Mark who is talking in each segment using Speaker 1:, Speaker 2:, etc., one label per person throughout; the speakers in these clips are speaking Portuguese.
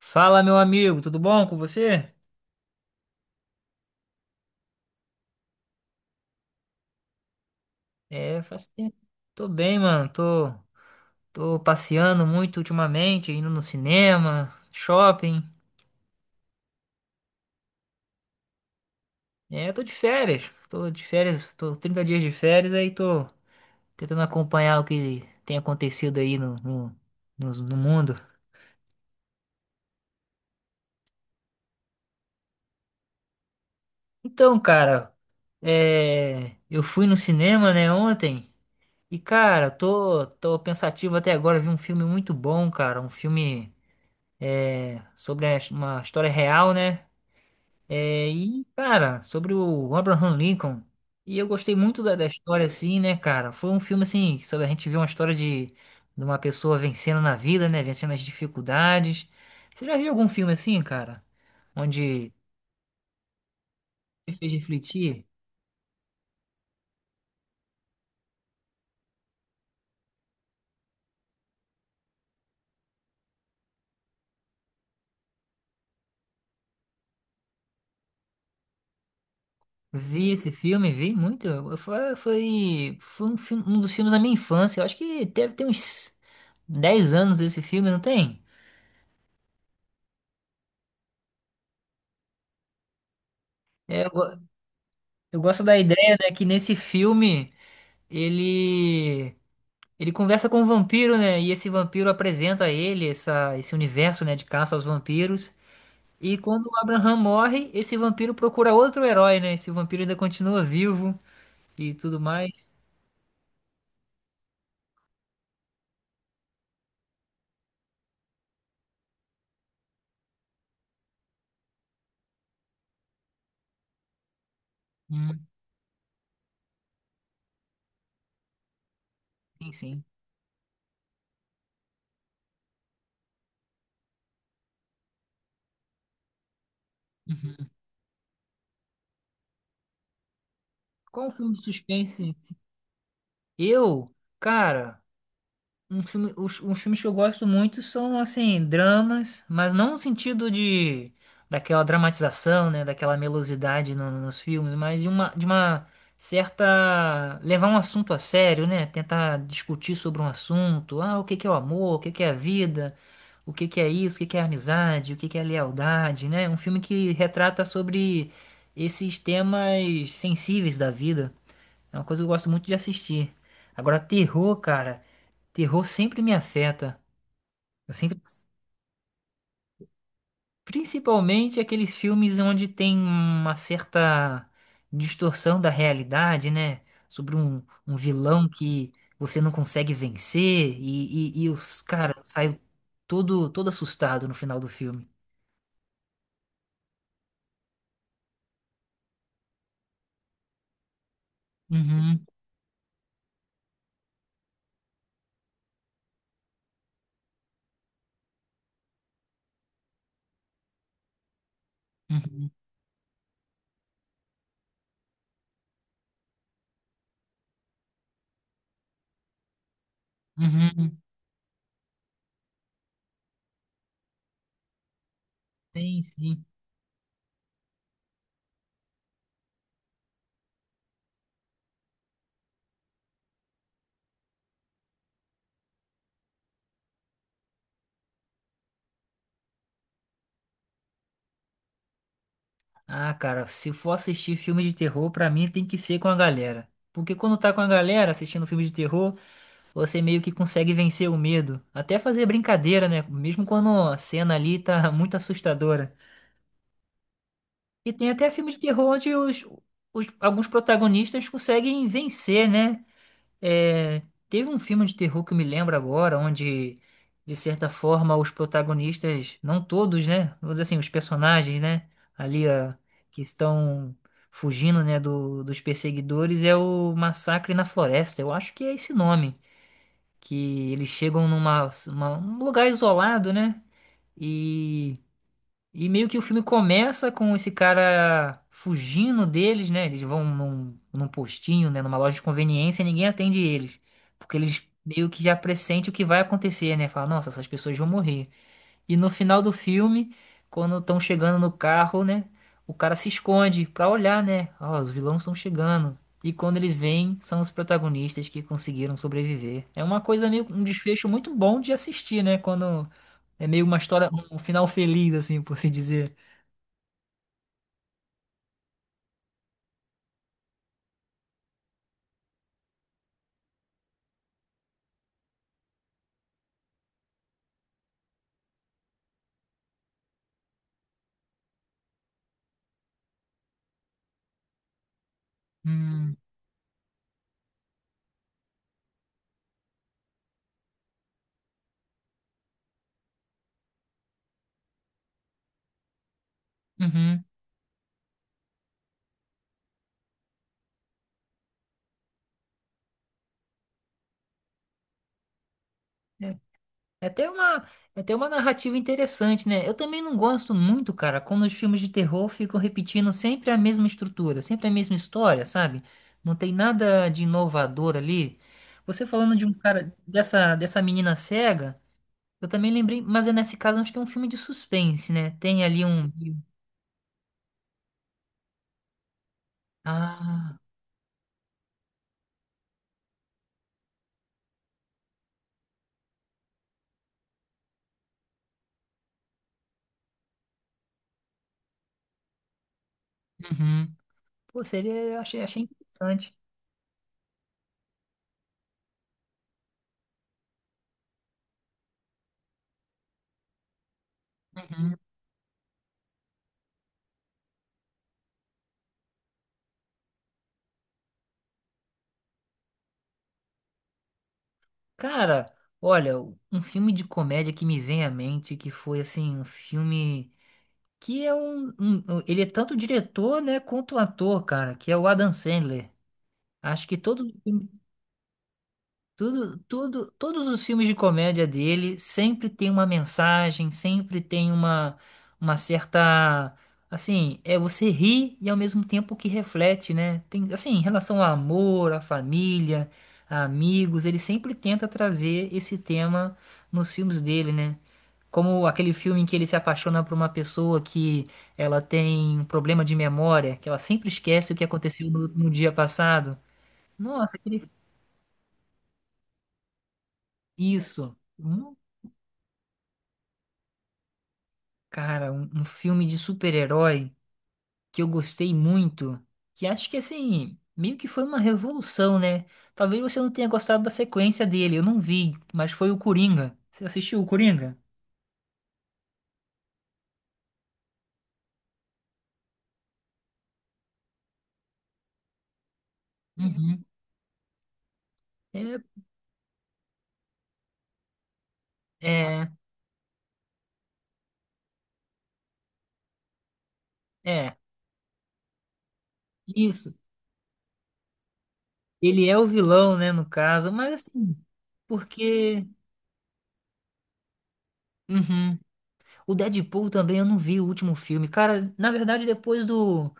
Speaker 1: Fala, meu amigo, tudo bom com você? É, faz tempo. Tô bem, mano. Tô passeando muito ultimamente, indo no cinema, shopping. É, tô de férias. Tô de férias, tô 30 dias de férias, aí tô tentando acompanhar o que tem acontecido aí no mundo. Então, cara, eu fui no cinema, né, ontem. E, cara, tô pensativo até agora. Vi um filme muito bom, cara. Um filme. Sobre a- uma história real, né? Cara, sobre o Abraham Lincoln. E eu gostei muito da história, assim, né, cara? Foi um filme, assim, sobre a gente ver uma história de uma pessoa vencendo na vida, né? Vencendo as dificuldades. Você já viu algum filme assim, cara? Onde me fez refletir? Vi esse filme, vi muito. Foi um, um dos filmes da minha infância. Eu acho que deve ter uns 10 anos esse filme, não tem? É, eu go- Eu gosto da ideia, né, que nesse filme ele ele conversa com um vampiro, né? E esse vampiro apresenta a ele essa, esse universo, né, de caça aos vampiros. E quando o Abraham morre, esse vampiro procura outro herói, né? Esse vampiro ainda continua vivo e tudo mais. Hum, sim, sim. Uhum. Qual o filme de suspense? Eu, cara. Um filme, os filmes que eu gosto muito são, assim, dramas, mas não no sentido de daquela dramatização, né, daquela melosidade nos filmes, mas de de uma certa levar um assunto a sério, né, tentar discutir sobre um assunto, ah, o que que é o amor, o que que é a vida, o que que é isso, o que que é a amizade, o que que é a lealdade, né, um filme que retrata sobre esses temas sensíveis da vida, é uma coisa que eu gosto muito de assistir. Agora, terror, cara. Terror sempre me afeta. Eu sempre, Principalmente aqueles filmes onde tem uma certa distorção da realidade, né? Sobre um vilão que você não consegue vencer e, e os cara saem todo assustado no final do filme. Uhum, uhum, uhum. Sim, sim. Ah, cara, se for assistir filme de terror, pra mim tem que ser com a galera. Porque quando tá com a galera assistindo filme de terror você meio que consegue vencer o medo. Até fazer brincadeira, né? Mesmo quando a cena ali tá muito assustadora. E tem até filme de terror onde alguns protagonistas conseguem vencer, né? É, teve um filme de terror que eu me lembro agora, onde, de certa forma, os protagonistas, não todos, né? Vamos dizer assim, os personagens, né? Ali, ó, que estão fugindo, né, dos perseguidores, é o Massacre na Floresta. Eu acho que é esse nome que eles chegam um lugar isolado, né? E, e meio que o filme começa com esse cara fugindo deles, né? Eles vão num postinho, né? Numa loja de conveniência e ninguém atende eles. Porque eles meio que já pressentem o que vai acontecer, né? Fala, nossa, essas pessoas vão morrer. E no final do filme, quando estão chegando no carro, né? O cara se esconde pra olhar, né? Ó, os vilões estão chegando. E quando eles vêm, são os protagonistas que conseguiram sobreviver. É uma coisa meio um desfecho muito bom de assistir, né? Quando é meio uma história, um final feliz, assim, por se dizer. Hum, uhum. É, É até uma, é até uma narrativa interessante, né? Eu também não gosto muito, cara, quando os filmes de terror ficam repetindo sempre a mesma estrutura, sempre a mesma história, sabe? Não tem nada de inovador ali. Você falando de um cara, dessa menina cega, eu também lembrei, mas é nesse caso acho que é um filme de suspense, né? Tem ali um. Ah, uhum. Pô, seria. Eu Achei, achei interessante. Uhum. Cara, olha, um filme de comédia que me vem à mente, que foi assim, um filme. Que é ele é tanto diretor, né, quanto ator, cara, que é o Adam Sandler. Acho que todos os filmes de comédia dele sempre tem uma mensagem, sempre tem uma certa. Assim, é você ri e ao mesmo tempo que reflete, né? Tem, assim, em relação ao amor, à família, a amigos, ele sempre tenta trazer esse tema nos filmes dele, né? Como aquele filme em que ele se apaixona por uma pessoa que ela tem um problema de memória, que ela sempre esquece o que aconteceu no dia passado. Nossa, aquele. Isso. Cara, um filme de super-herói que eu gostei muito, que acho que assim, meio que foi uma revolução, né? Talvez você não tenha gostado da sequência dele, eu não vi, mas foi o Coringa. Você assistiu o Coringa? Uhum. É, é, é, isso. Ele é o vilão, né, no caso, mas assim, porque uhum. O Deadpool também eu não vi o último filme. Cara, na verdade, depois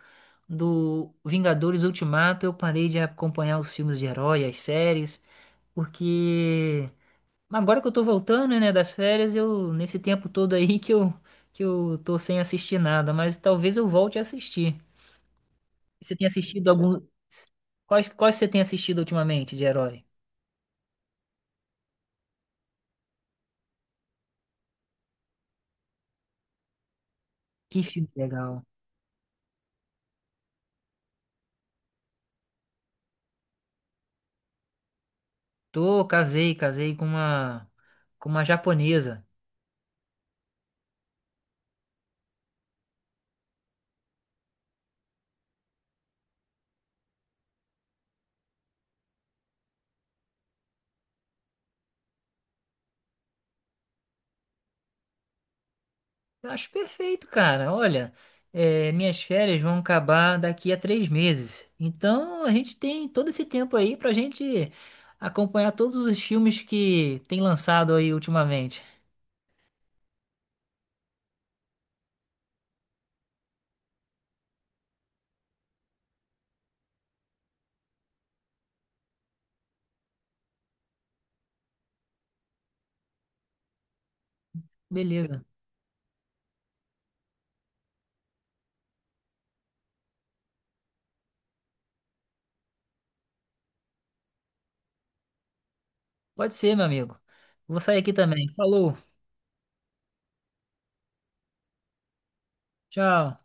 Speaker 1: do Vingadores Ultimato, eu parei de acompanhar os filmes de herói, as séries, porque agora que eu tô voltando, né, das férias, eu nesse tempo todo aí que eu tô sem assistir nada, mas talvez eu volte a assistir. Você tem assistido algum. Quais você tem assistido ultimamente de herói? Que filme legal. Tô, casei com com uma japonesa. Eu acho perfeito, cara. Olha, eh, minhas férias vão acabar daqui a 3 meses. Então a gente tem todo esse tempo aí pra gente acompanhar todos os filmes que tem lançado aí ultimamente. Beleza. Pode ser, meu amigo. Vou sair aqui também. Falou. Tchau.